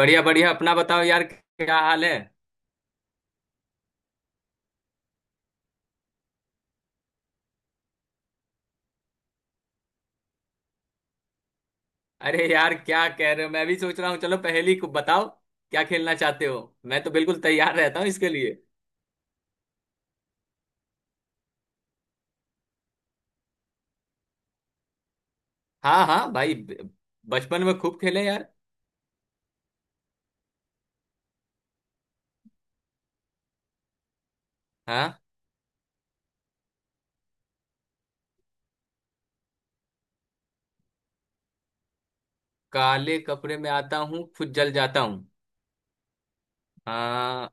बढ़िया बढ़िया। अपना बताओ यार, क्या हाल है? अरे यार, क्या कह रहे हो। मैं भी सोच रहा हूँ, चलो पहेली को बताओ, क्या खेलना चाहते हो? मैं तो बिल्कुल तैयार रहता हूँ इसके लिए। हाँ हाँ भाई, बचपन में खूब खेले यार। हाँ। काले कपड़े में आता हूँ, खुद जल जाता हूँ। हाँ।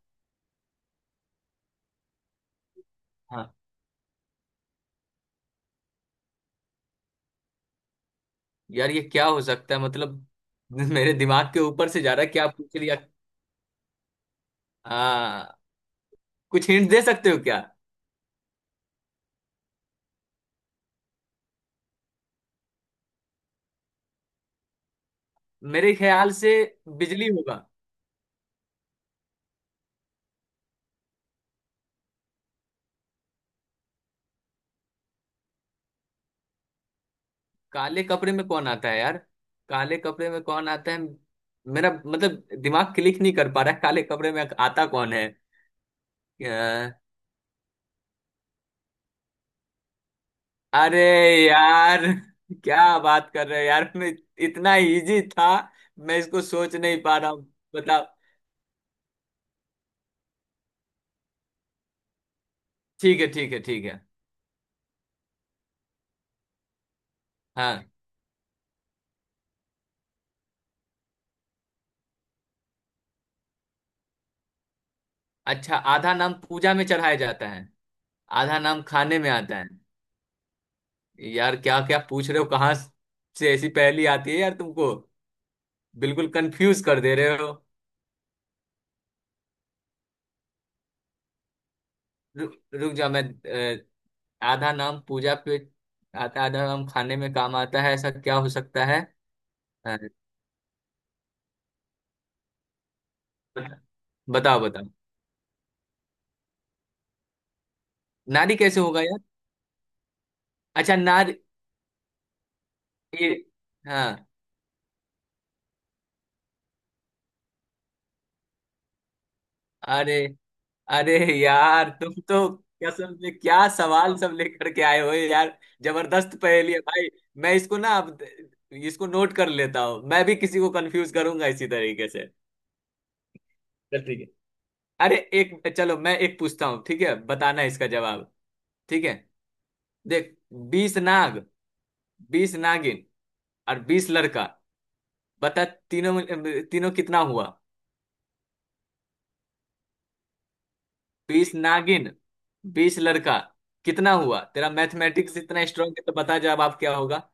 हाँ, यार ये क्या हो सकता है, मतलब मेरे दिमाग के ऊपर से जा रहा है, क्या पूछ लिया। हाँ। कुछ हिंट दे सकते हो क्या? मेरे ख्याल से बिजली होगा। काले कपड़े में कौन आता है यार, काले कपड़े में कौन आता है? मेरा मतलब दिमाग क्लिक नहीं कर पा रहा है, काले कपड़े में आता कौन है। अ, अरे यार, क्या बात कर रहे हो यार। मैं, इतना इजी था, मैं इसको सोच नहीं पा रहा हूँ। बताओ। ठीक है ठीक है ठीक है। हाँ। अच्छा, आधा नाम पूजा में चढ़ाया जाता है। आधा नाम खाने में आता है। यार क्या क्या पूछ रहे हो, कहाँ से ऐसी पहेली आती है यार, तुमको, बिल्कुल कंफ्यूज कर दे रहे हो। रु, रुक जा। मैं अ, आधा नाम पूजा पे आता, आधा नाम खाने में काम आता है, ऐसा क्या हो सकता है। अ, बताओ बताओ। नारी कैसे होगा यार? अच्छा नारी। ये। हाँ। अरे अरे, यार तुम तो, कसम से क्या सवाल सब लेकर के आए हो यार, जबरदस्त पहेली है भाई। मैं इसको ना अब इसको नोट कर लेता हूँ, मैं भी किसी को कंफ्यूज करूंगा इसी तरीके से। चल ठीक है। अरे एक, चलो मैं एक पूछता हूँ, ठीक है, बताना इसका जवाब। ठीक है, देख। 20 नाग, 20 नागिन और 20 लड़का। बता, तीनों कितना हुआ? बीस नागिन, बीस लड़का, कितना हुआ? तेरा मैथमेटिक्स इतना स्ट्रांग है तो बता, जवाब क्या होगा?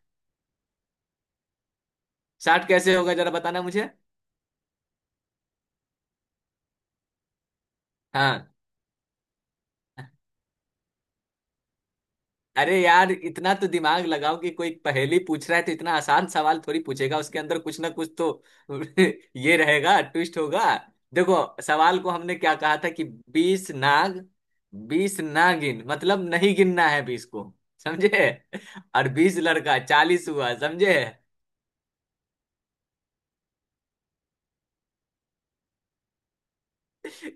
60 कैसे होगा, जरा बताना मुझे। हाँ। अरे यार, इतना तो दिमाग लगाओ कि कोई पहेली पूछ रहा है तो इतना आसान सवाल थोड़ी पूछेगा, उसके अंदर कुछ ना कुछ तो ये रहेगा, ट्विस्ट होगा। देखो, सवाल को हमने क्या कहा था कि बीस नाग, बीस ना गिन, मतलब नहीं गिनना है बीस को, समझे। और बीस लड़का 40 हुआ, समझे।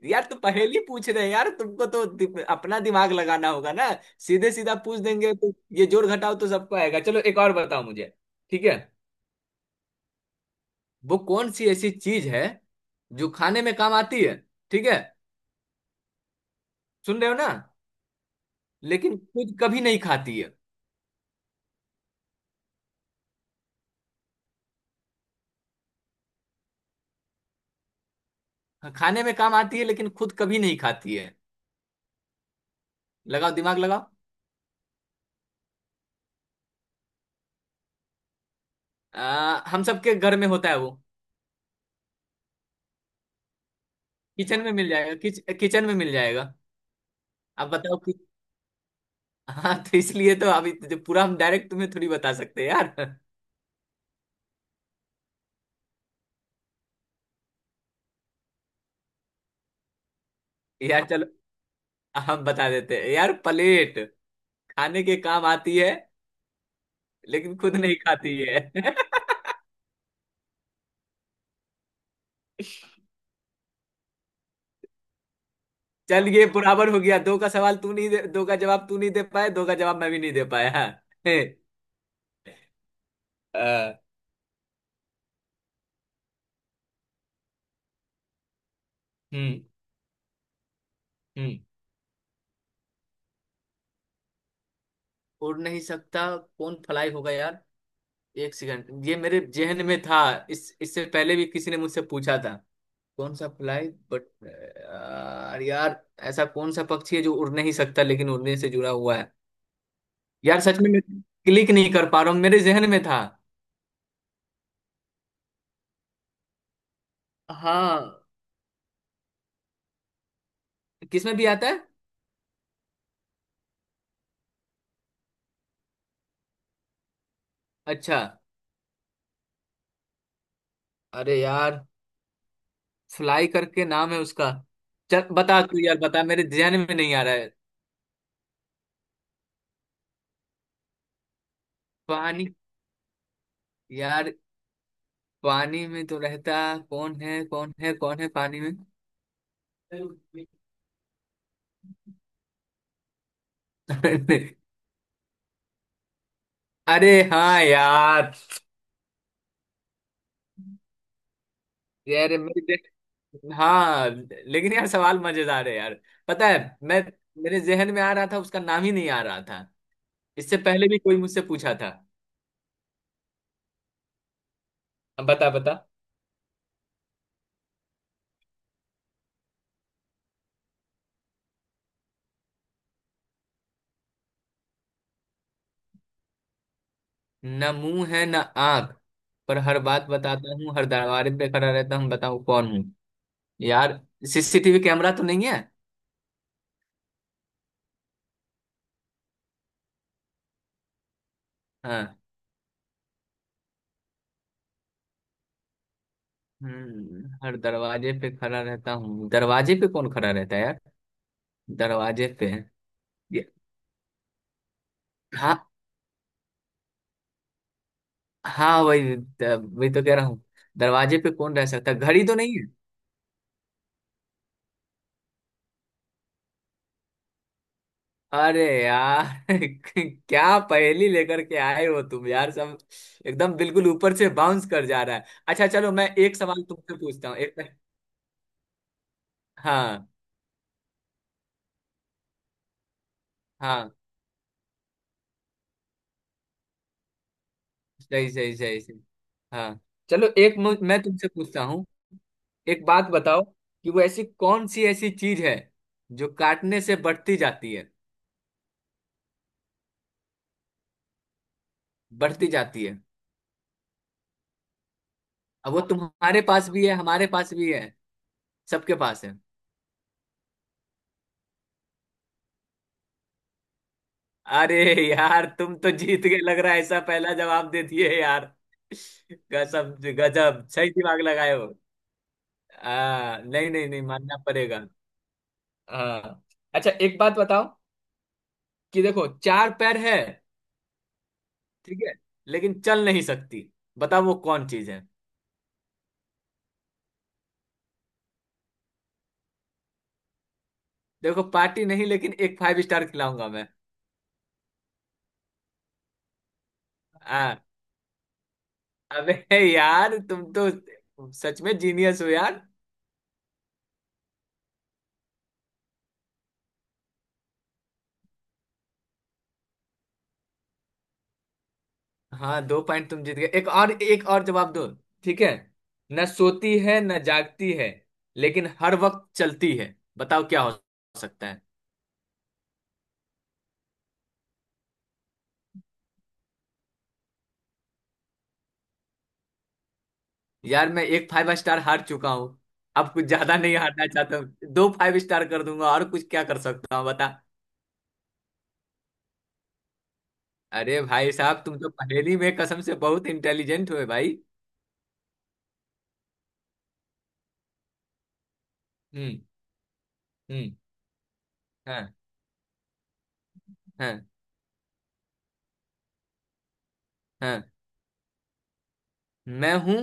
यार तो पहेली पूछ रहे हैं यार, तुमको तो अपना दिमाग लगाना होगा ना। सीधे सीधा पूछ देंगे तो, ये जोड़ घटाव तो सबको आएगा। चलो एक और बताओ मुझे, ठीक है। वो कौन सी ऐसी चीज है, जो खाने में काम आती है, ठीक है, सुन रहे हो ना, लेकिन खुद कभी नहीं खाती है। हाँ, खाने में काम आती है लेकिन खुद कभी नहीं खाती है। लगाओ दिमाग लगाओ। हम सबके घर में होता है वो। किचन में मिल जाएगा, किचन में मिल जाएगा। आप बताओ कि, हाँ तो इसलिए तो अभी तो पूरा हम डायरेक्ट तुम्हें थोड़ी बता सकते हैं यार। यार चलो, हम बता देते हैं यार, प्लेट। खाने के काम आती है लेकिन खुद नहीं खाती है। चल, ये बराबर हो गया। दो का सवाल तू नहीं दे, दो का जवाब तू नहीं दे पाया, दो का जवाब मैं भी नहीं दे पाया। हे, अ, हम्म। हम्म। उड़ नहीं सकता, कौन फ्लाई होगा यार। एक सेकंड, ये मेरे जेहन में था, इस इससे पहले भी किसी ने मुझसे पूछा था। कौन सा फ्लाई बट यार यार, ऐसा कौन सा पक्षी है जो उड़ नहीं सकता लेकिन उड़ने से जुड़ा हुआ है? यार सच में, मैं क्लिक नहीं कर पा रहा हूँ, मेरे जेहन में था। हाँ। किसमें भी आता है? अच्छा। अरे यार, फ्लाई करके नाम है उसका। चल बता तू यार, बता, मेरे ध्यान में नहीं आ रहा है। पानी। यार पानी में तो रहता, कौन है कौन है कौन है पानी में? अरे हाँ यार। यार मेरे, हाँ। लेकिन यार सवाल मजेदार है यार। पता है, मैं, मेरे जहन में आ रहा था, उसका नाम ही नहीं आ रहा था। इससे पहले भी कोई मुझसे पूछा था। अब बता बता। न मुंह है न आंख, पर हर बात बताता हूँ, हर दरबार पे खड़ा रहता हूँ, बताओ कौन हूँ? यार सीसीटीवी कैमरा तो नहीं है? हाँ। हम्म, हर दरवाजे पे खड़ा रहता हूँ, दरवाजे पे कौन खड़ा रहता है यार, दरवाजे पे। ये- हाँ हाँ, वही वही तो कह रहा हूँ, दरवाजे पे कौन रह सकता है, घड़ी तो नहीं है? अरे यार, क्या पहेली लेकर के आए हो तुम यार, सब एकदम बिल्कुल ऊपर से बाउंस कर जा रहा है। अच्छा चलो, मैं एक सवाल तुमसे पूछता हूँ, एक। हाँ हाँ। सही सही सही सही। हाँ चलो एक, मैं तुमसे पूछता हूँ। एक बात बताओ, कि वो ऐसी कौन सी ऐसी चीज है जो काटने से बढ़ती जाती है, बढ़ती जाती है। अब वो तुम्हारे पास भी है, हमारे पास भी है, सबके पास है। अरे यार, तुम तो जीत गए लग रहा है ऐसा, पहला जवाब दे दिए यार। गजब गजब, सही दिमाग लगाए हो। नहीं नहीं नहीं, मानना पड़ेगा। हाँ, अच्छा एक बात बताओ कि देखो, चार पैर है, ठीक है, लेकिन चल नहीं सकती, बताओ वो कौन चीज है? देखो पार्टी नहीं, लेकिन एक फाइव स्टार खिलाऊंगा मैं। हाँ, अबे यार तुम तो सच में जीनियस हो यार। हाँ, दो पॉइंट तुम जीत गए, एक और, एक और जवाब दो, ठीक है। न सोती है न जागती है, लेकिन हर वक्त चलती है, बताओ क्या हो सकता है? यार मैं एक फाइव स्टार हार चुका हूँ, अब कुछ ज्यादा नहीं हारना चाहता हूँ। दो फाइव स्टार कर दूंगा, और कुछ क्या कर सकता हूँ, बता। अरे भाई साहब, तुम तो पहेली में कसम से बहुत इंटेलिजेंट हुए भाई। हम्म। हम्म। हाँ हाँ हाँ, मैं हूँ।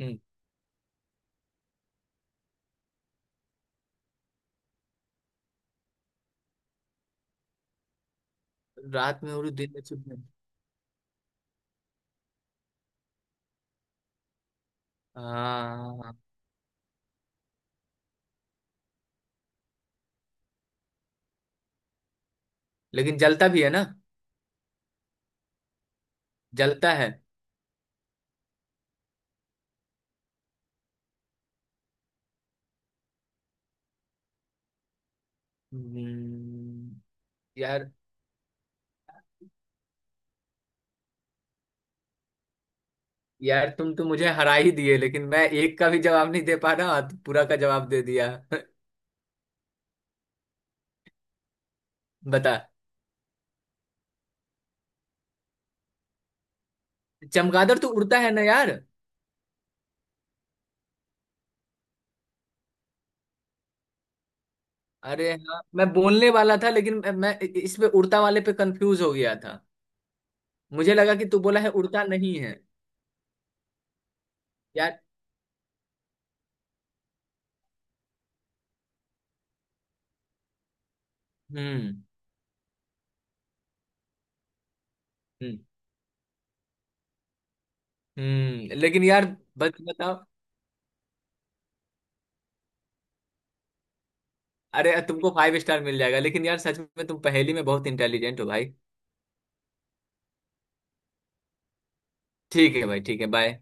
हम्म, रात में और दिन में छुप में। हाँ, लेकिन जलता भी है ना? जलता है। हम्म। यार, यार तुम तो मुझे हरा ही दिए, लेकिन मैं एक का भी जवाब नहीं दे पा रहा, तो पूरा का जवाब दे दिया। बता। चमगादड़ तो उड़ता है ना यार? अरे हाँ, मैं बोलने वाला था, लेकिन मैं इस पे उड़ता वाले पे कंफ्यूज हो गया था। मुझे लगा कि तू बोला है उड़ता नहीं है। यार। हम्म। हम्म। हम्म, लेकिन यार, बस बताओ। अरे, तुमको फाइव स्टार मिल जाएगा, लेकिन यार सच में तुम पहेली में बहुत इंटेलिजेंट हो भाई। ठीक है भाई, ठीक है, बाय।